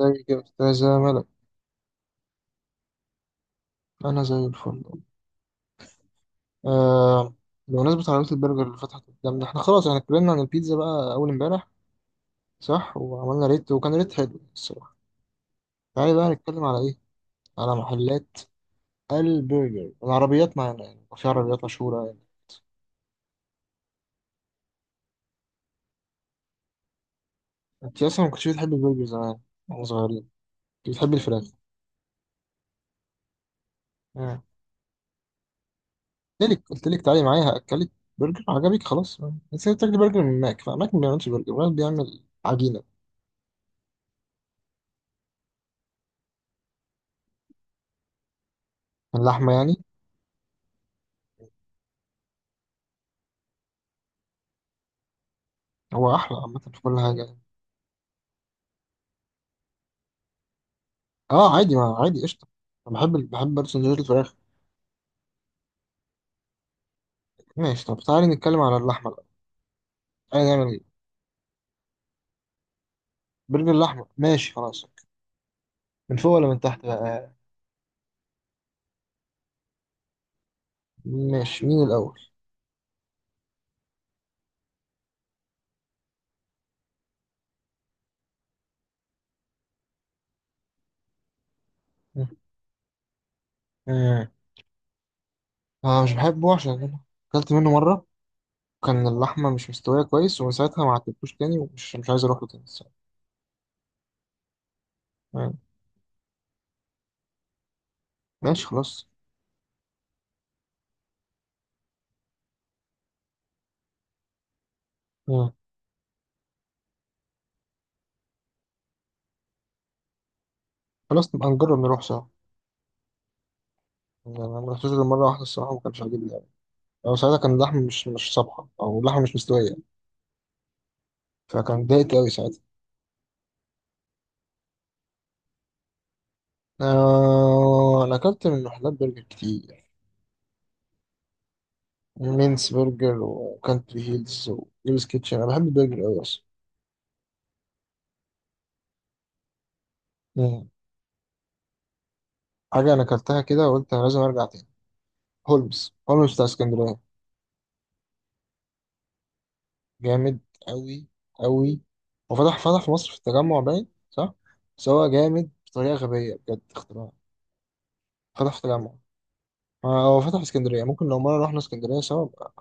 ازيك يا أستاذة ملك؟ أنا زي الفل. آه. بمناسبة عربية البرجر اللي فتحت قدامنا احنا خلاص اتكلمنا عن البيتزا بقى أول امبارح، صح، وعملنا ريت وكان ريت حلو الصراحة. تعالي بقى نتكلم على إيه؟ على محلات البرجر، العربيات معانا يعني، وفي عربيات مشهورة يعني. أنت أصلا ما كنتش بتحبي البرجر زمان وإحنا صغيرين، كنت بتحبي الفراخ. آه. قلت لك تعالي معايا هأكلك برجر عجبك خلاص. بس أنت بتاكلي برجر من ماك، فماك ما بيعملش برجر، ماك بيعمل عجينة من لحمة يعني. هو أحلى عامة في كل حاجة. اه عادي، ما عادي، قشطة. انا بحب بحب برضه سندوتشات الفراخ. ماشي، طب تعالي نتكلم على اللحمة الأول. تعالي نعمل ايه؟ برجر اللحمة، ماشي خلاص. من فوق ولا من تحت بقى؟ ماشي، مين الأول؟ آه. آه، مش بحبه عشان أنا أكلت منه مرة كان اللحمة مش مستوية كويس، ومن ساعتها ما عدتوش تاني، ومش مش عايز أروح له تاني الصراحة. آه. ماشي خلاص. آه. خلاص نبقى نجرب نروح سوا. يعني أنا ما رحتوش غير مرة واحدة الصراحة، وما كانش عاجبني أوي، أو ساعتها كان اللحمة مش صبحة، أو اللحمة مش مستوية، فكان اتضايقت أوي ساعتها. آه أنا أكلت من محلات برجر كتير، مينس برجر وكانتري هيلز وجيمس كيتشن. أنا بحب البرجر أوي أصلا. مم. حاجة أنا أكلتها كده وقلت أنا لازم أرجع تاني، هولمز بتاع اسكندرية. جامد أوي أوي. وفتح في مصر في التجمع باين صح؟ بس هو جامد بطريقة غبية، بجد اختراع. فتح في التجمع. آه، هو فتح في اسكندرية، ممكن لو مرة رحنا اسكندرية سوا بقى.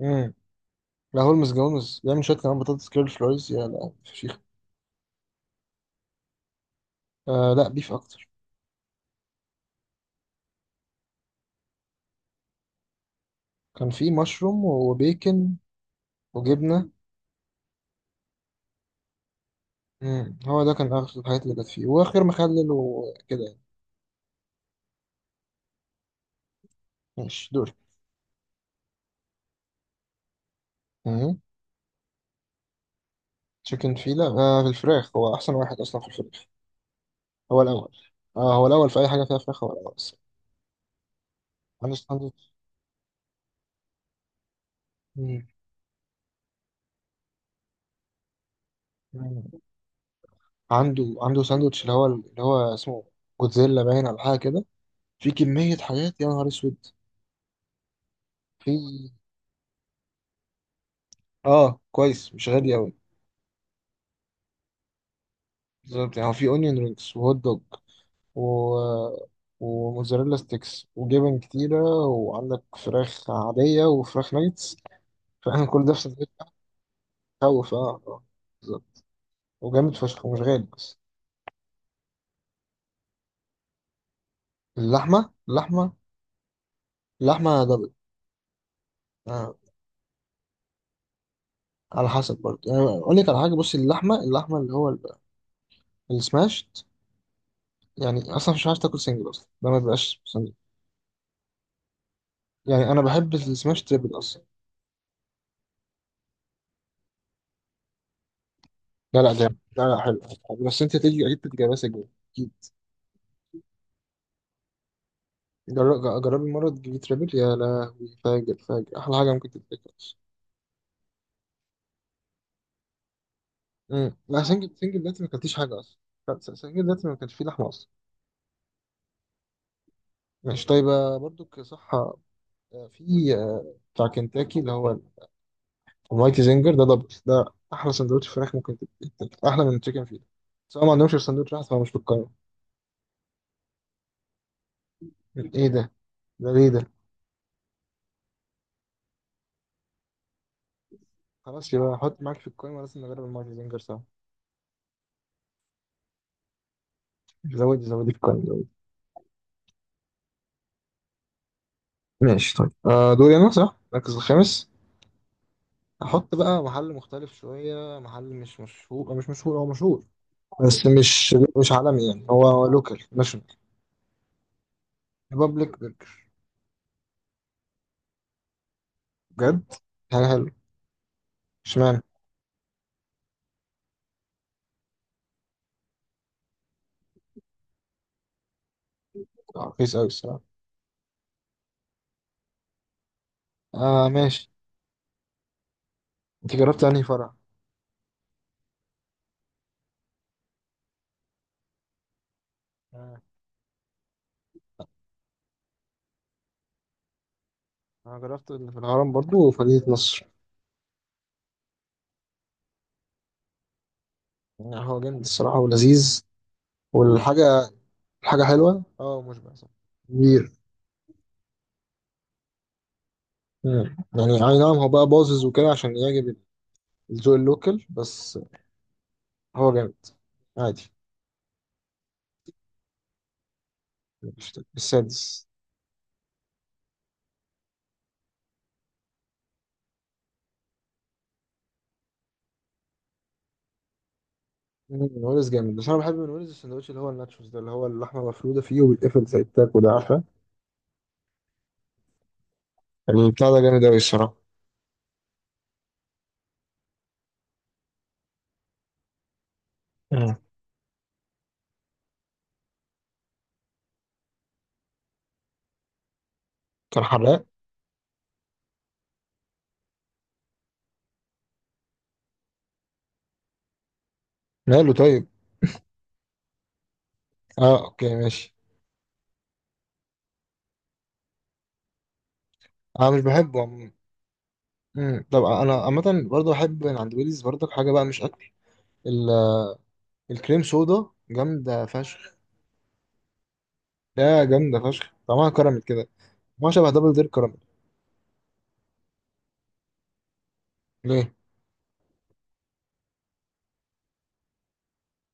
مم. لا هولمز جومز بيعمل شوية كمان بطاطس كيرل فلويز، يا لا فشيخ. آه لا، بيف أكتر. كان فيه مشروم وبيكن وجبنة. مم. هو ده كان آخر الحاجات اللي كانت فيه، وآخر مخلل وكده يعني. ماشي دوري. مم. تشيكن فيلا، آه في الفراخ هو أحسن واحد أصلا في الفراخ. هو الأول. آه هو الأول في أي حاجة فيها فراخ، هو الأول أصلا. عنده ساندوتش. مم. مم. عنده ساندوتش اللي هو اسمه جوتزيلا، باين على حاجة كده، في كمية حاجات يا نهار أسود. في آه كويس، مش غالي أوي. بالظبط. يعني هو في أونيون رينجز وهوت دوج و... وموزاريلا ستيكس وجبن كتيرة، وعندك فراخ عادية وفراخ نايتس، فاهم كل ده في سندوتش. مخوف، بالظبط. وجامد فشخ ومش غالي بس. اللحمة، اللحمة دبل. آه. على حسب برضه يعني، أقول لك على حاجة، بصي اللحمة، السماشت يعني، أصلا مش عارف تاكل سنجل أصلا، ده ما بيبقاش سنجل. يعني أنا بحب السماش تريبل أصلا. لا لا جامد، لا لا حلو. حلو. بس أنت تيجي أكيد تتجابها سنجل. جربي مرة تجيبي تريبل، يا لهوي فاجر فاجر، أحلى حاجة ممكن تتاكل. لا، سنجل دلوقتي ما كلتيش حاجة أصلا. لا، سنجل دلوقتي ما كانش فيه لحمة أصلا. ماشي طيب. برضو كصحة، في بتاع كنتاكي اللي هو المايتي زنجر، ده دبل ده، أحلى سندوتش فراخ ممكن تتاكل، أحلى من التشيكن فيلا. بس هو ما عندهمش غير سندوتش واحد، فمش في القايمة. إيه ده، ده ليه ده؟ خلاص يبقى حط معاك في القايمة، لازم نجرب المايتي زنجر سوا. زودي زودي في القايمة، زودي. ماشي طيب. دوري أنا صح؟ المركز الخامس. احط بقى محل مختلف شويه، محل مش مشهور، مش مشهور، هو مشهور بس مش عالمي، يعني هو لوكال ناشونال. ريبابليك برجر. بجد حاجه حلوه. اشمعنى؟ رخيص قوي الصراحه. اه ماشي. انت جربت انهي فرع؟ آه. انا جربت اللي في الهرم برضو وفدية نصر. يعني هو جامد الصراحه ولذيذ، والحاجه حلوه، اه مشبع صح، كبير. مم. يعني اي نعم، هو بقى باظظ وكده عشان يعجب الذوق اللوكال بس. هو جامد، عادي. السادس. مم، نونيز جامد، بس انا بحب من نونيز السندوتش اللي هو الناتشوز ده، اللي هو اللحمه مفروده فيه وبيتقفل زي التاكو، ده عارفه. يعني البتاع ده جامد قوي الصراحه. مم. كان حراق. ماله طيب. اه اوكي، ماشي. انا مش بحبه عموماً. مم. طب انا عامه برضه بحب من عند ويليز، برضه حاجه بقى مش اكل، ال- الكريم سودا جامده فشخ. لا جامده فشخ، طعمها كراميل كده، ما شبه دبل دير كراميل. ليه؟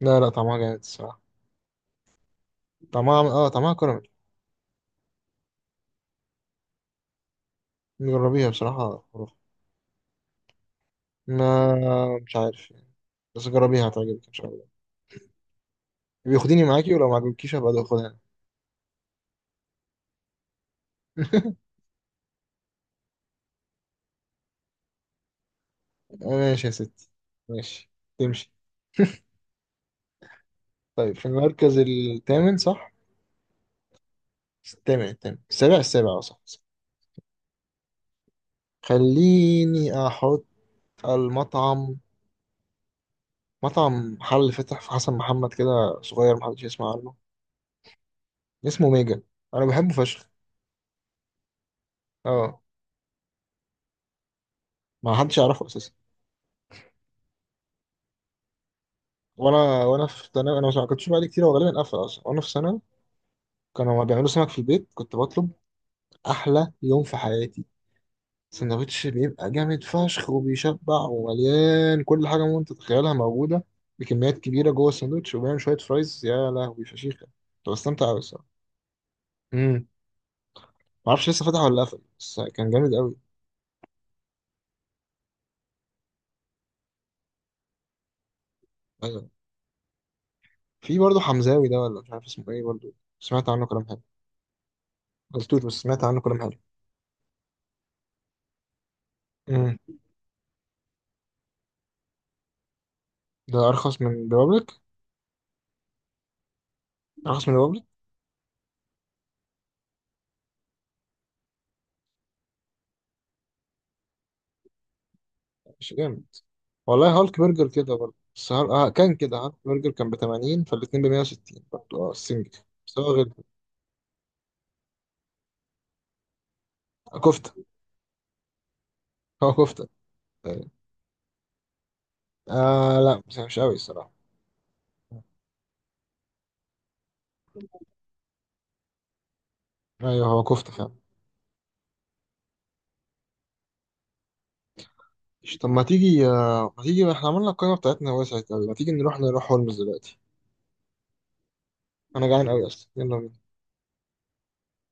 لا لا طعمها جامد الصراحه. طعمها، طعمها كراميل. جربيها بصراحه خرافه. ما مش عارف يعني. بس جربيها هتعجبك ان شاء الله. بياخديني معاكي، ولو ما عجبكيش هبقى اخدها انا. ماشي يا ستي، ماشي. تمشي. طيب في المركز الثامن صح؟ الثامن الثامن، السابع السابع، اه صح صح. خليني احط المطعم مطعم محل فتح في حسن محمد كده، صغير محدش يسمع عنه، اسمه ميجا. انا بحبه فشخ. اه ما حدش يعرفه اساسا. وانا في ثانوي، انا ما كنتش بقالي كتير، هو غالبا قفل اصلا وانا في ثانوي. كانوا بيعملوا سمك في البيت، كنت بطلب، احلى يوم في حياتي. سندوتش بيبقى جامد فشخ، وبيشبع، ومليان كل حاجة ممكن تتخيلها موجودة بكميات كبيرة جوه السندوتش، وبيعمل شوية فرايز يا لهوي فشيخة. كنت بستمتع أوي الصراحة. امم، معرفش لسه فتح ولا قفل، بس كان جامد أوي. أيوة، في برضه حمزاوي ده، ولا مش عارف اسمه إيه برضه، سمعت عنه كلام حلو. مقلتوش بس سمعت عنه كلام حلو. امم. ده أرخص من ريبابليك. أرخص من ريبابليك، مش جامد؟ والله هالك برجر كده برضه، بس هال... آه كان كده هالك برجر كان ب 80، فالاتنين ب 160 برضه اه السنجل. بس هو غير، كفتة، هو كفتة تقريباً. آه لا بس مش قوي الصراحة. ايوه هو كفتة فعلا. طب ما تيجي، ما تيجي، احنا عملنا القائمة بتاعتنا وسعت قوي، ما تيجي نروح هولمز دلوقتي. انا جعان قوي اصلا، يلا بينا.